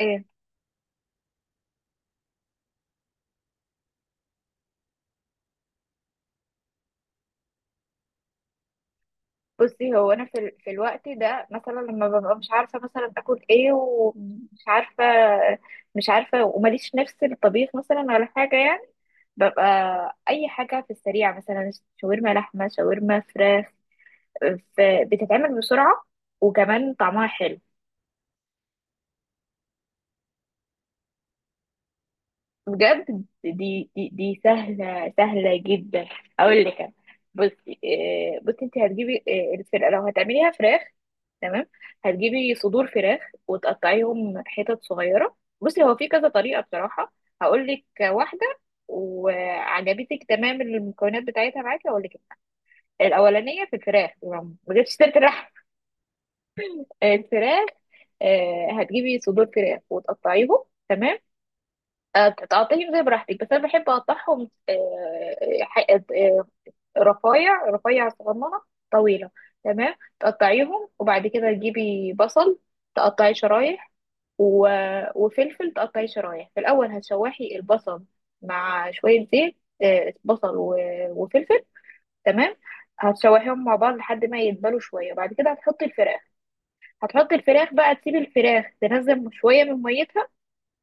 ايه. بصي هو انا في الوقت ده مثلا لما ببقى مش عارفه مثلا اكل ايه ومش عارفه مش عارفه وماليش نفس الطبيخ مثلا ولا حاجه يعني، ببقى اي حاجه في السريع، مثلا شاورما لحمه، شاورما فراخ. آه، ف... بتتعمل بسرعه، وكمان طعمها حلو. بجد دي سهلة، سهلة جدا. أقول لك أنا. بصي، أنت هتجيبي، الفرقة لو هتعمليها فراخ، تمام، هتجيبي صدور فراخ وتقطعيهم حتت صغيرة. بصي هو في كذا طريقة بصراحة، هقول لك واحدة، وعجبتك تمام، المكونات بتاعتها معاكي، هقول لك. الأولانية في الفراخ، ما جبتش سيرة اللحم. الفراخ. هتجيبي صدور فراخ وتقطعيهم، تمام. تقطعيهم زي براحتك، بس انا بحب اقطعهم رفايع، رفايع صغننه طويله، تمام. تقطعيهم، وبعد كده تجيبي بصل تقطعي شرايح، وفلفل تقطعي شرايح. في الاول هتشوحي البصل مع شويه زيت، بصل وفلفل، تمام. هتشوحيهم مع بعض لحد ما يدبلوا شويه، بعد كده هتحطي الفراخ بقى، تسيبي الفراخ تنزل شويه من ميتها،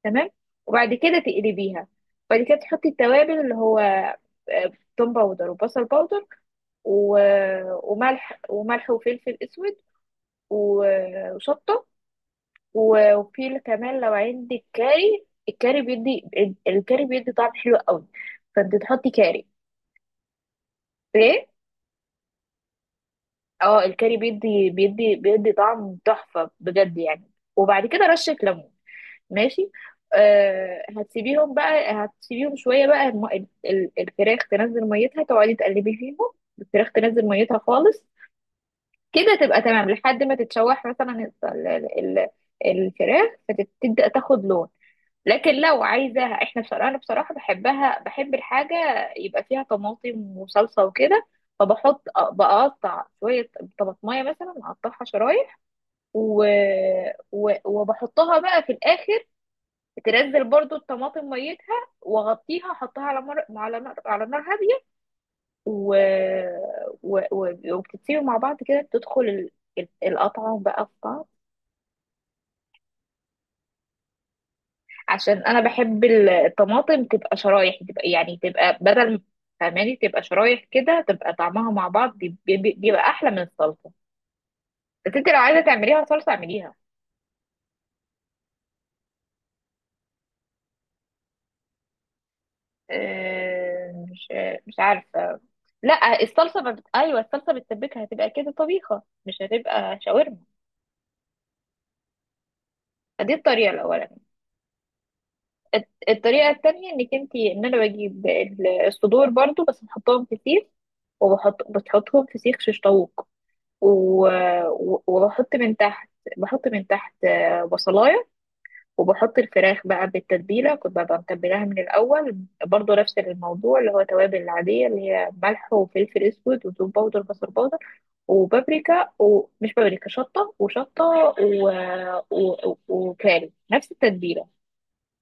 تمام. وبعد كده تقلبيها، بعد كده تحطي التوابل، اللي هو توم باودر، وبصل باودر، و... وملح، وفلفل اسود، و... وشطه. وفي كمان لو عندك كاري، الكاري بيدي، الكاري بيدي طعم حلو قوي، فانت تحطي كاري. ليه؟ اه الكاري بيدي طعم تحفه بجد يعني. وبعد كده رشه ليمون، ماشي. آه، هتسيبيهم بقى، هتسيبيهم شويه بقى الفراخ تنزل ميتها، تقعدي تقلبي فيهم، الفراخ تنزل ميتها خالص، كده تبقى تمام، لحد ما تتشوح مثلا ال- ال- ال- الفراخ، فتبدا تاخد لون. لكن لو عايزاها، احنا بصراحه، انا بصراحه بحبها، بحب الحاجه يبقى فيها طماطم وصلصه وكده، فبحط، بقطع شويه طماطمايه مثلا، اقطعها شرايح، و... وبحطها بقى في الاخر، تنزل برضو الطماطم ميتها، واغطيها، احطها على على نار، على نار هاديه، و... وبتتسيبوا مع بعض كده، تدخل القطعه بقى في بعض. عشان انا بحب الطماطم تبقى شرايح، تبقى يعني، تبقى بدل، فاهماني؟ تبقى شرايح كده تبقى طعمها مع بعض بيبقى احلى من الصلصه. بس انت لو عايزه تعمليها صلصه، اعمليها. آه، مش مش عارفه. لا الصلصه ما بت... ايوه الصلصه بتسبكها، هتبقى كده طبيخه، مش هتبقى شاورما. دي الطريقة الأولانية. الطريقة التانية، انك انتي، انا بجيب الصدور برضو، بس بحطهم في سيخ. بتحطهم في سيخ شيش طاووق، و- وبحط من تحت، بصلاية، وبحط الفراخ بقى بالتتبيلة، كنت ببقى متبلاها من الأول. برضو نفس الموضوع، اللي هو توابل العادية، اللي هي ملح وفلفل أسود وتوم باودر بصل باودر وبابريكا، ومش بابريكا، شطة، و... وكاري، نفس التتبيلة.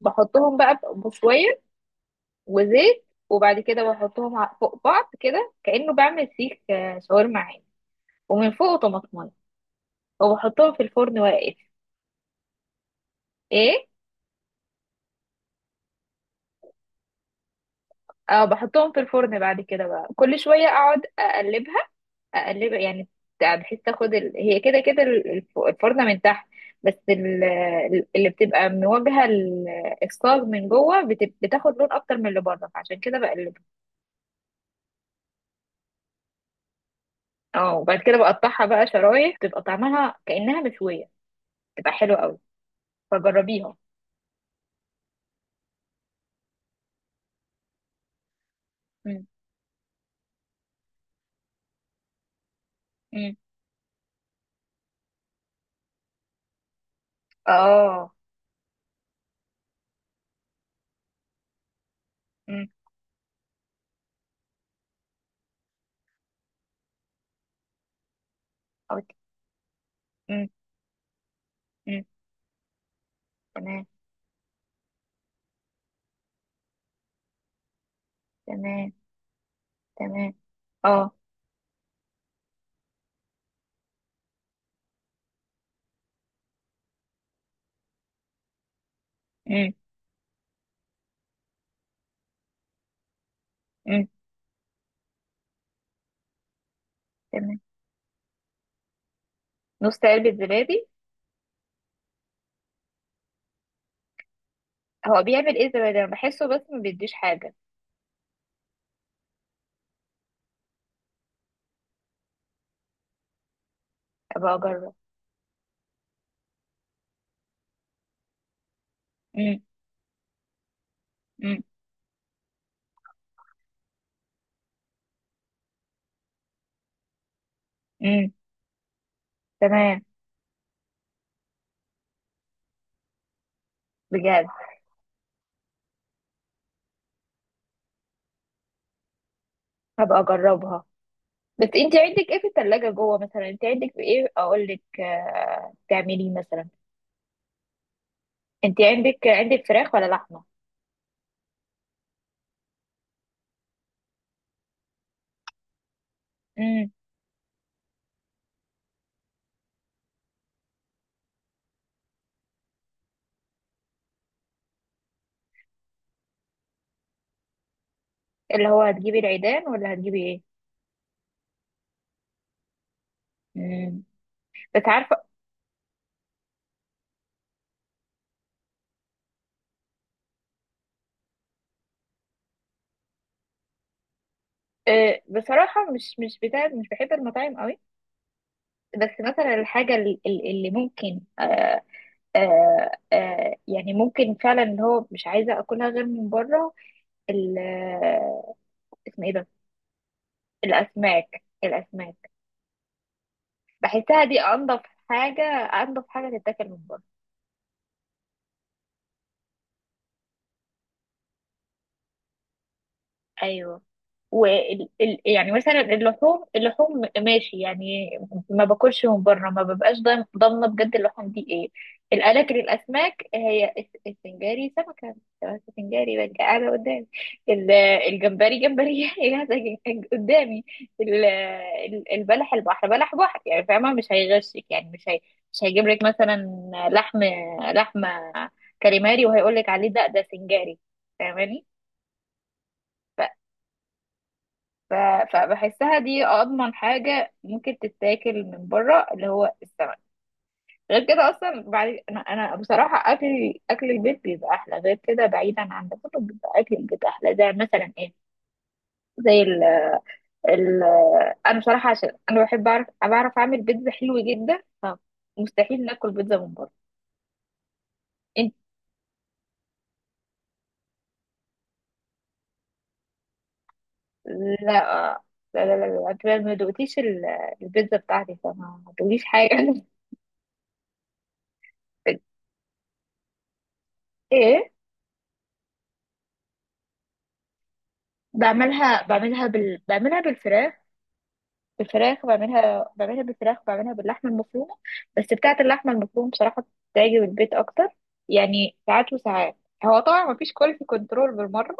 بحطهم بقى بشوية وزيت، وبعد كده بحطهم فوق بعض كده، كأنه بعمل سيخ شاورما عادي، ومن فوق طماطمية، وبحطهم في الفرن واقف. ايه. اه بحطهم في الفرن، بعد كده بقى كل شوية اقعد اقلبها، اقلبها يعني، بحيث تاخد هي كده كده الفرنة من تحت، بس ال... اللي بتبقى مواجهة الصاج من جوه بتاخد لون اكتر من اللي بره، فعشان كده بقلبها. اه، وبعد كده بقطعها بقى شرايح، بتبقى طعمها كأنها مشوية، تبقى حلوة قوي، فجربيها. مم. مم. اه. مم. أوكي. مم. مم. تمام. تمام. تمام. اه. مم. مم. تمام. نص علبة زبادي. هو بيعمل ايه الزبادي؟ انا بحسه بس ما بيديش حاجة. ابقى اجرب. مم. مم. مم. تمام. بجد. هبقى اجربها. بس انت عندك ايه في التلاجة جوه مثلا؟ انت عندك ايه اقول لك تعمليه مثلا؟ انت عندك فراخ ولا لحمة؟ مم. اللي هو هتجيبي العيدان ولا هتجيبي ايه؟ مم. بس عارفة. أه، بصراحة مش بتاع، مش بحب المطاعم قوي، بس مثلا الحاجة اللي ممكن أه. أه يعني ممكن فعلا اللي هو مش عايزة أكلها غير من بره، ال- آه، اسمه ايه ده، الأسماك. الأسماك. بحسها دي أنضف حاجة، أنضف حاجة تتاكل من بره. أيوه. و يعني مثلا اللحوم، اللحوم ماشي يعني، ما باكلش من بره، ما ببقاش ضامنه بجد اللحوم دي ايه. الاكل الاسماك، هي السنجاري سمكه، السنجاري بقى قاعده قدامي، ال- الجمبري، جمبري قاعده قدامي، البلح البحر، بلح بحر، يعني فاهمه مش هيغشك يعني، مش هيجيب لك مثلا لحم، لحمه كاليماري وهيقول لك عليه ده سنجاري، فاهماني؟ ف- فبحسها دي اضمن حاجه ممكن تتاكل من بره، اللي هو السمك. غير كده اصلا، بعد أنا بصراحه، اكل البيت بيبقى احلى، غير كده بعيدا عن ده كله بيبقى اكل البيت احلى. زي مثلا ايه؟ زي ال ال انا بصراحه، عشان انا بحب اعرف، بعرف اعمل بيتزا حلو جدا، فمستحيل ناكل بيتزا من بره. انت. لا لا لا، انت ما دقتيش البيتزا بتاعتي، ما تقوليش حاجه. ايه. بعملها، بعملها بالفراخ، بفراخ، بعملها بالفراخ، وبعملها باللحمة المفرومة. بس بتاعة اللحمة المفرومة بصراحة بتعجب البيت أكتر، يعني ساعات وساعات. هو طبعا مفيش كواليتي كنترول بالمرة،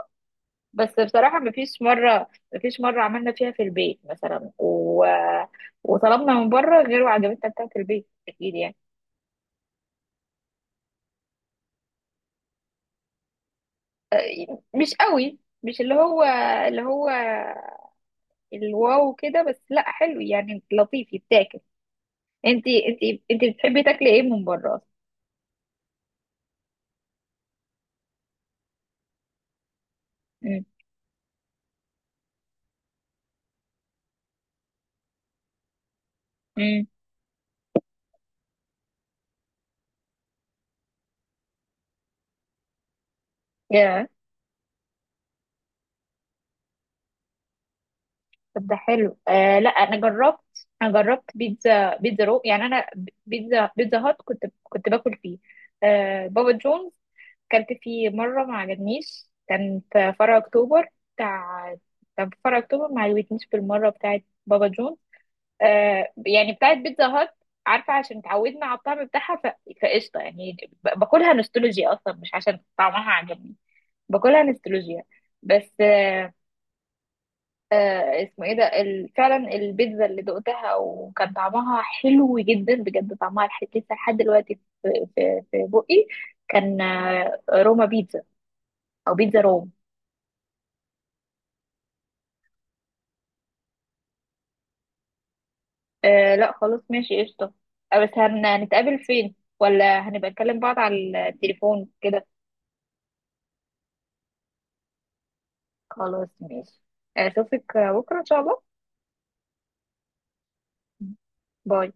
بس بصراحة مفيش مرة عملنا فيها في البيت مثلا وطلبنا من بره، غير وعجبتنا بتاعة البيت أكيد يعني. مش قوي، مش اللي هو، اللي هو الواو كده بس، لا حلو يعني، لطيف يتاكل. انتي بتحبي تاكلي ايه من بره اصلا؟ مم. مم. طب ده حلو. آه لا انا جربت، بيتزا، بيتزا رو، يعني انا بيتزا، بيتزا هات، كنت باكل فيه. آه بابا جونز، كلت فيه مرة ما عجبنيش، كان في فرع أكتوبر بتاع. كان في فرع أكتوبر ما عجبتنيش بالمرة بتاعت بابا جون، آه يعني بتاعت بيتزا هات، عارفة عشان اتعودنا على الطعم بتاعها فقشطة يعني، باكلها نوستولوجيا أصلا، مش عشان طعمها عجبني، باكلها نوستولوجيا بس. آه اسمه ايه ده فعلا البيتزا اللي دقتها وكان طعمها حلو جدا بجد، طعمها لسه لحد دلوقتي في، في بقي. كان روما بيتزا، او بيتزا روم. آه لا خلاص ماشي قشطة. بس هنتقابل فين، ولا هنبقى نكلم بعض على التليفون كده؟ خلاص ماشي. اشوفك بكرة ان شاء الله. باي.